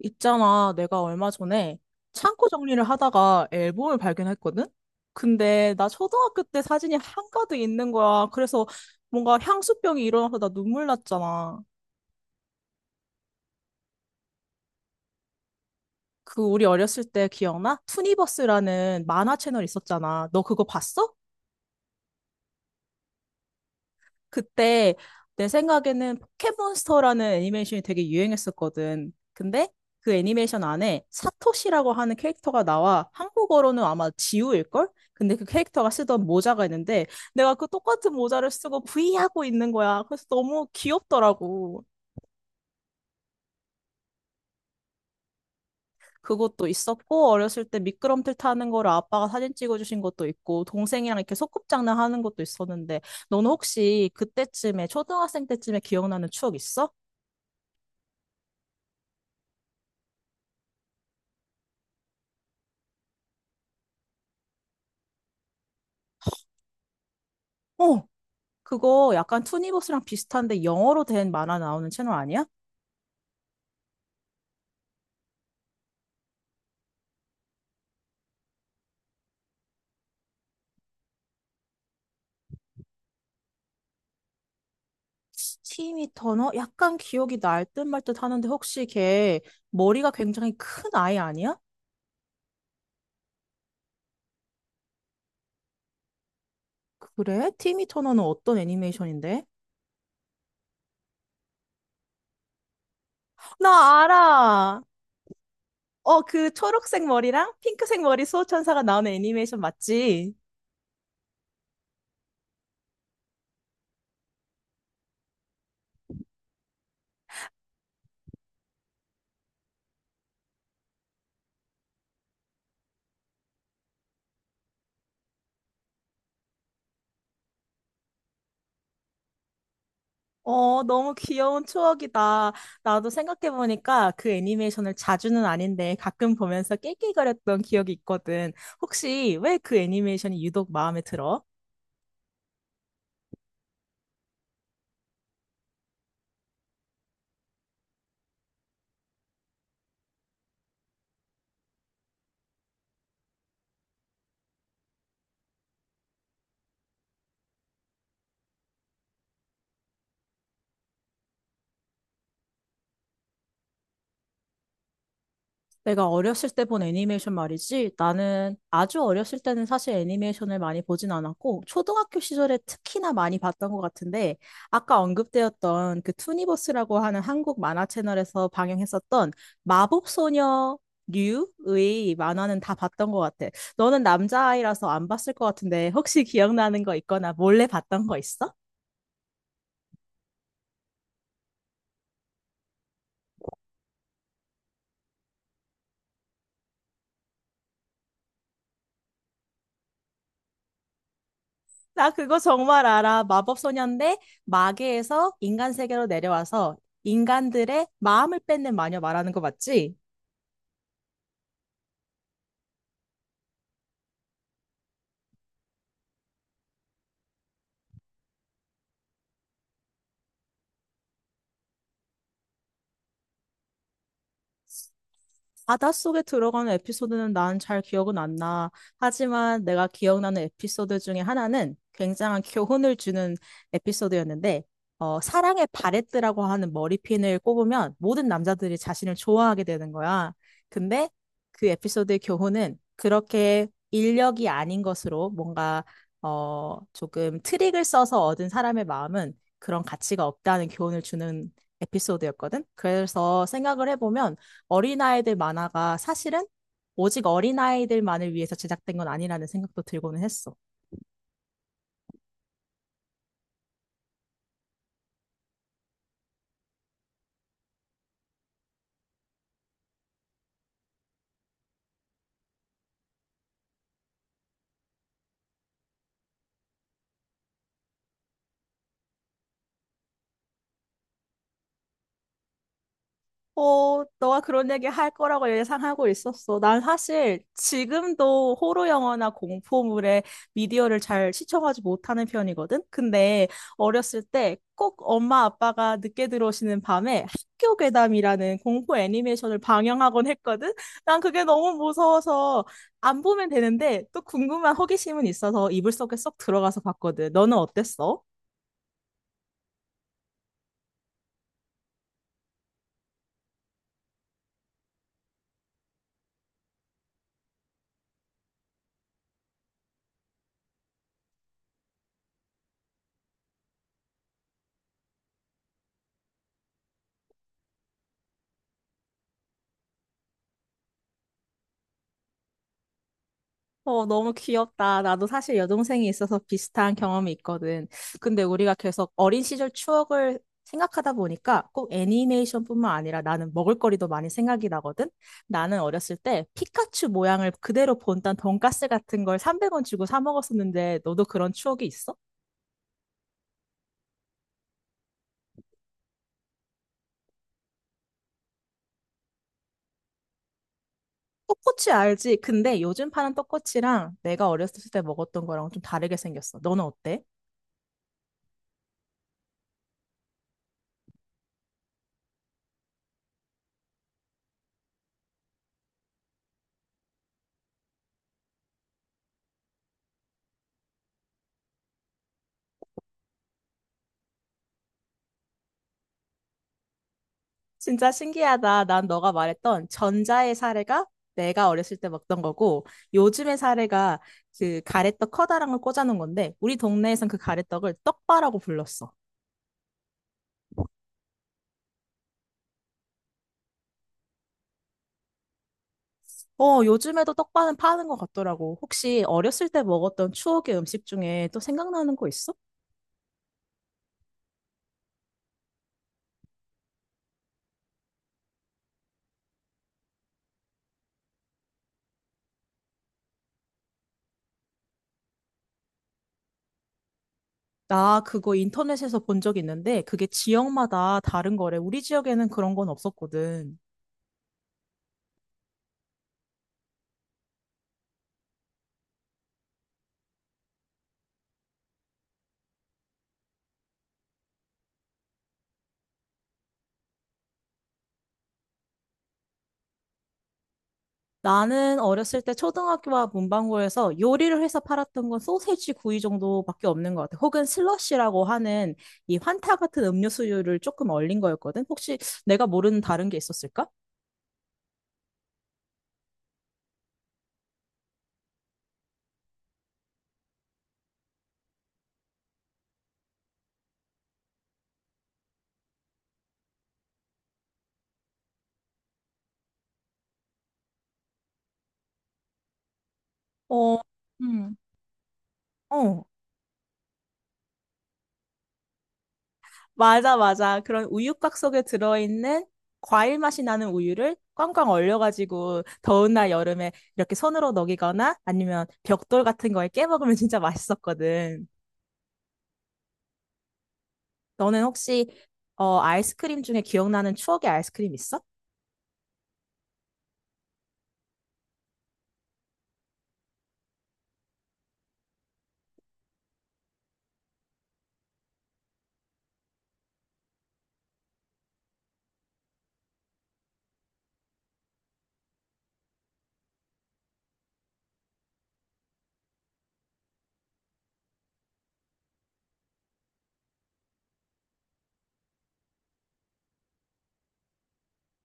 있잖아, 내가 얼마 전에 창고 정리를 하다가 앨범을 발견했거든? 근데 나 초등학교 때 사진이 한가득 있는 거야. 그래서 뭔가 향수병이 일어나서 나 눈물 났잖아. 그 우리 어렸을 때 기억나? 투니버스라는 만화 채널 있었잖아. 너 그거 봤어? 그때 내 생각에는 포켓몬스터라는 애니메이션이 되게 유행했었거든. 근데 그 애니메이션 안에 사토시라고 하는 캐릭터가 나와 한국어로는 아마 지우일걸? 근데 그 캐릭터가 쓰던 모자가 있는데 내가 그 똑같은 모자를 쓰고 브이하고 있는 거야. 그래서 너무 귀엽더라고. 그것도 있었고 어렸을 때 미끄럼틀 타는 거를 아빠가 사진 찍어주신 것도 있고 동생이랑 이렇게 소꿉장난 하는 것도 있었는데 너는 혹시 그때쯤에 초등학생 때쯤에 기억나는 추억 있어? 어. 그거 약간 투니버스랑 비슷한데 영어로 된 만화 나오는 채널 아니야? 티미 터너? 약간 기억이 날듯 말듯 하는데 혹시 걔 머리가 굉장히 큰 아이 아니야? 그래? 티미 터너는 어떤 애니메이션인데? 나 알아! 어, 그 초록색 머리랑 핑크색 머리 수호천사가 나오는 애니메이션 맞지? 어, 너무 귀여운 추억이다. 나도 생각해보니까 그 애니메이션을 자주는 아닌데 가끔 보면서 낄낄거렸던 기억이 있거든. 혹시 왜 그 애니메이션이 유독 마음에 들어? 내가 어렸을 때 본 애니메이션 말이지. 나는 아주 어렸을 때는 사실 애니메이션을 많이 보진 않았고, 초등학교 시절에 특히나 많이 봤던 것 같은데, 아까 언급되었던 그 투니버스라고 하는 한국 만화 채널에서 방영했었던 마법소녀 류의 만화는 다 봤던 것 같아. 너는 남자아이라서 안 봤을 것 같은데 혹시 기억나는 거 있거나 몰래 봤던 거 있어? 나 그거 정말 알아. 마법소녀인데 마계에서 인간 세계로 내려와서 인간들의 마음을 뺏는 마녀 말하는 거 맞지? 바닷속에 들어가는 에피소드는 난 잘 기억은 안 나. 하지만 내가 기억나는 에피소드 중에 하나는 굉장한 교훈을 주는 에피소드였는데, 사랑의 바레트라고 하는 머리핀을 꼽으면 모든 남자들이 자신을 좋아하게 되는 거야. 근데 그 에피소드의 교훈은 그렇게 인력이 아닌 것으로 뭔가, 조금 트릭을 써서 얻은 사람의 마음은 그런 가치가 없다는 교훈을 주는 에피소드였거든. 그래서 생각을 해보면 어린아이들 만화가 사실은 오직 어린아이들만을 위해서 제작된 건 아니라는 생각도 들고는 했어. 어, 너가 그런 얘기 할 거라고 예상하고 있었어. 난 사실 지금도 호러 영화나 공포물에 미디어를 잘 시청하지 못하는 편이거든. 근데 어렸을 때 꼭 엄마 아빠가 늦게 들어오시는 밤에 학교 괴담이라는 공포 애니메이션을 방영하곤 했거든. 난 그게 너무 무서워서 안 보면 되는데 또 궁금한 호기심은 있어서 이불 속에 쏙 들어가서 봤거든. 너는 어땠어? 어, 너무 귀엽다. 나도 사실 여동생이 있어서 비슷한 경험이 있거든. 근데 우리가 계속 어린 시절 추억을 생각하다 보니까 꼭 애니메이션뿐만 아니라 나는 먹을거리도 많이 생각이 나거든. 나는 어렸을 때 피카츄 모양을 그대로 본딴 돈가스 같은 걸 300원 주고 사 먹었었는데 너도 그런 추억이 있어? 떡꼬치 알지? 근데 요즘 파는 떡꼬치랑 내가 어렸을 때 먹었던 거랑 좀 다르게 생겼어. 너는 어때? 진짜 신기하다. 난 너가 말했던 전자의 사례가 내가 어렸을 때 먹던 거고, 요즘의 사례가 그 가래떡 커다란 걸 꽂아놓은 건데, 우리 동네에선 그 가래떡을 떡바라고 불렀어. 어, 요즘에도 떡바는 파는 것 같더라고. 혹시 어렸을 때 먹었던 추억의 음식 중에 또 생각나는 거 있어? 나 그거 인터넷에서 본 적 있는데, 그게 지역마다 다른 거래. 우리 지역에는 그런 건 없었거든. 나는 어렸을 때 초등학교와 문방구에서 요리를 해서 팔았던 건 소세지 구이 정도밖에 없는 것 같아. 혹은 슬러시라고 하는 이 환타 같은 음료수를 조금 얼린 거였거든. 혹시 내가 모르는 다른 게 있었을까? 어, 음. 어. 맞아, 맞아. 그런 우유곽 속에 들어있는 과일 맛이 나는 우유를 꽝꽝 얼려가지고 더운 날 여름에 이렇게 손으로 녹이거나 아니면 벽돌 같은 거에 깨먹으면 진짜 맛있었거든. 너는 혹시 아이스크림 중에 기억나는 추억의 아이스크림 있어?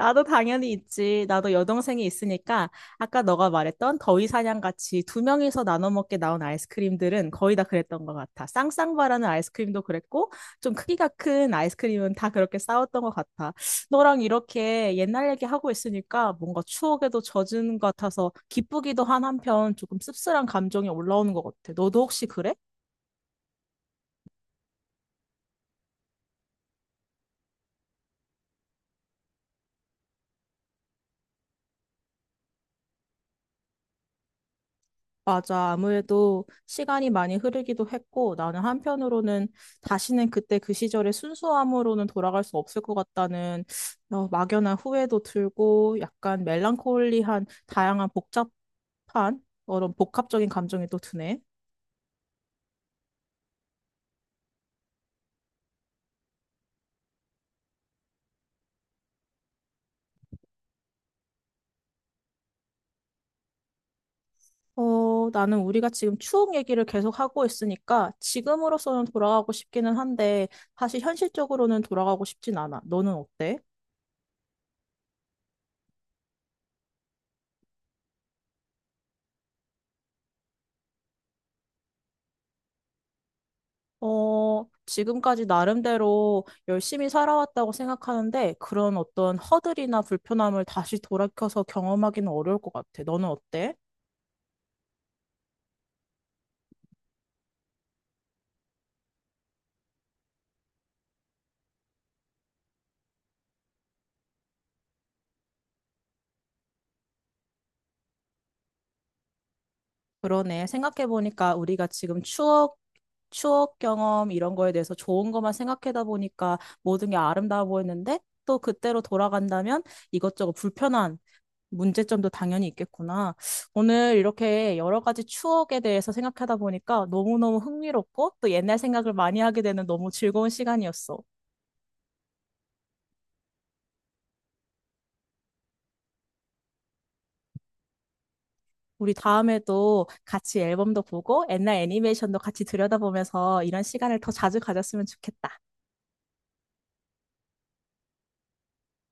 나도 당연히 있지. 나도 여동생이 있으니까 아까 너가 말했던 더위 사냥 같이 두 명이서 나눠 먹게 나온 아이스크림들은 거의 다 그랬던 것 같아. 쌍쌍바라는 아이스크림도 그랬고 좀 크기가 큰 아이스크림은 다 그렇게 싸웠던 것 같아. 너랑 이렇게 옛날 얘기하고 있으니까 뭔가 추억에도 젖은 것 같아서 기쁘기도 한 한편 조금 씁쓸한 감정이 올라오는 것 같아. 너도 혹시 그래? 맞아. 아무래도 시간이 많이 흐르기도 했고, 나는 한편으로는 다시는 그때 그 시절의 순수함으로는 돌아갈 수 없을 것 같다는 막연한 후회도 들고, 약간 멜랑콜리한 다양한 복잡한 그런 복합적인 감정이 또 드네. 어, 나는 우리가 지금 추억 얘기를 계속 하고 있으니까 지금으로서는 돌아가고 싶기는 한데 사실 현실적으로는 돌아가고 싶진 않아. 너는 어때? 어, 지금까지 나름대로 열심히 살아왔다고 생각하는데 그런 어떤 허들이나 불편함을 다시 돌이켜서 경험하기는 어려울 것 같아. 너는 어때? 그러네. 생각해보니까 우리가 지금 추억 경험 이런 거에 대해서 좋은 것만 생각하다 보니까 모든 게 아름다워 보였는데 또 그때로 돌아간다면 이것저것 불편한 문제점도 당연히 있겠구나. 오늘 이렇게 여러 가지 추억에 대해서 생각하다 보니까 너무너무 흥미롭고 또 옛날 생각을 많이 하게 되는 너무 즐거운 시간이었어. 우리 다음에도 같이 앨범도 보고 옛날 애니메이션도 같이 들여다보면서 이런 시간을 더 자주 가졌으면 좋겠다.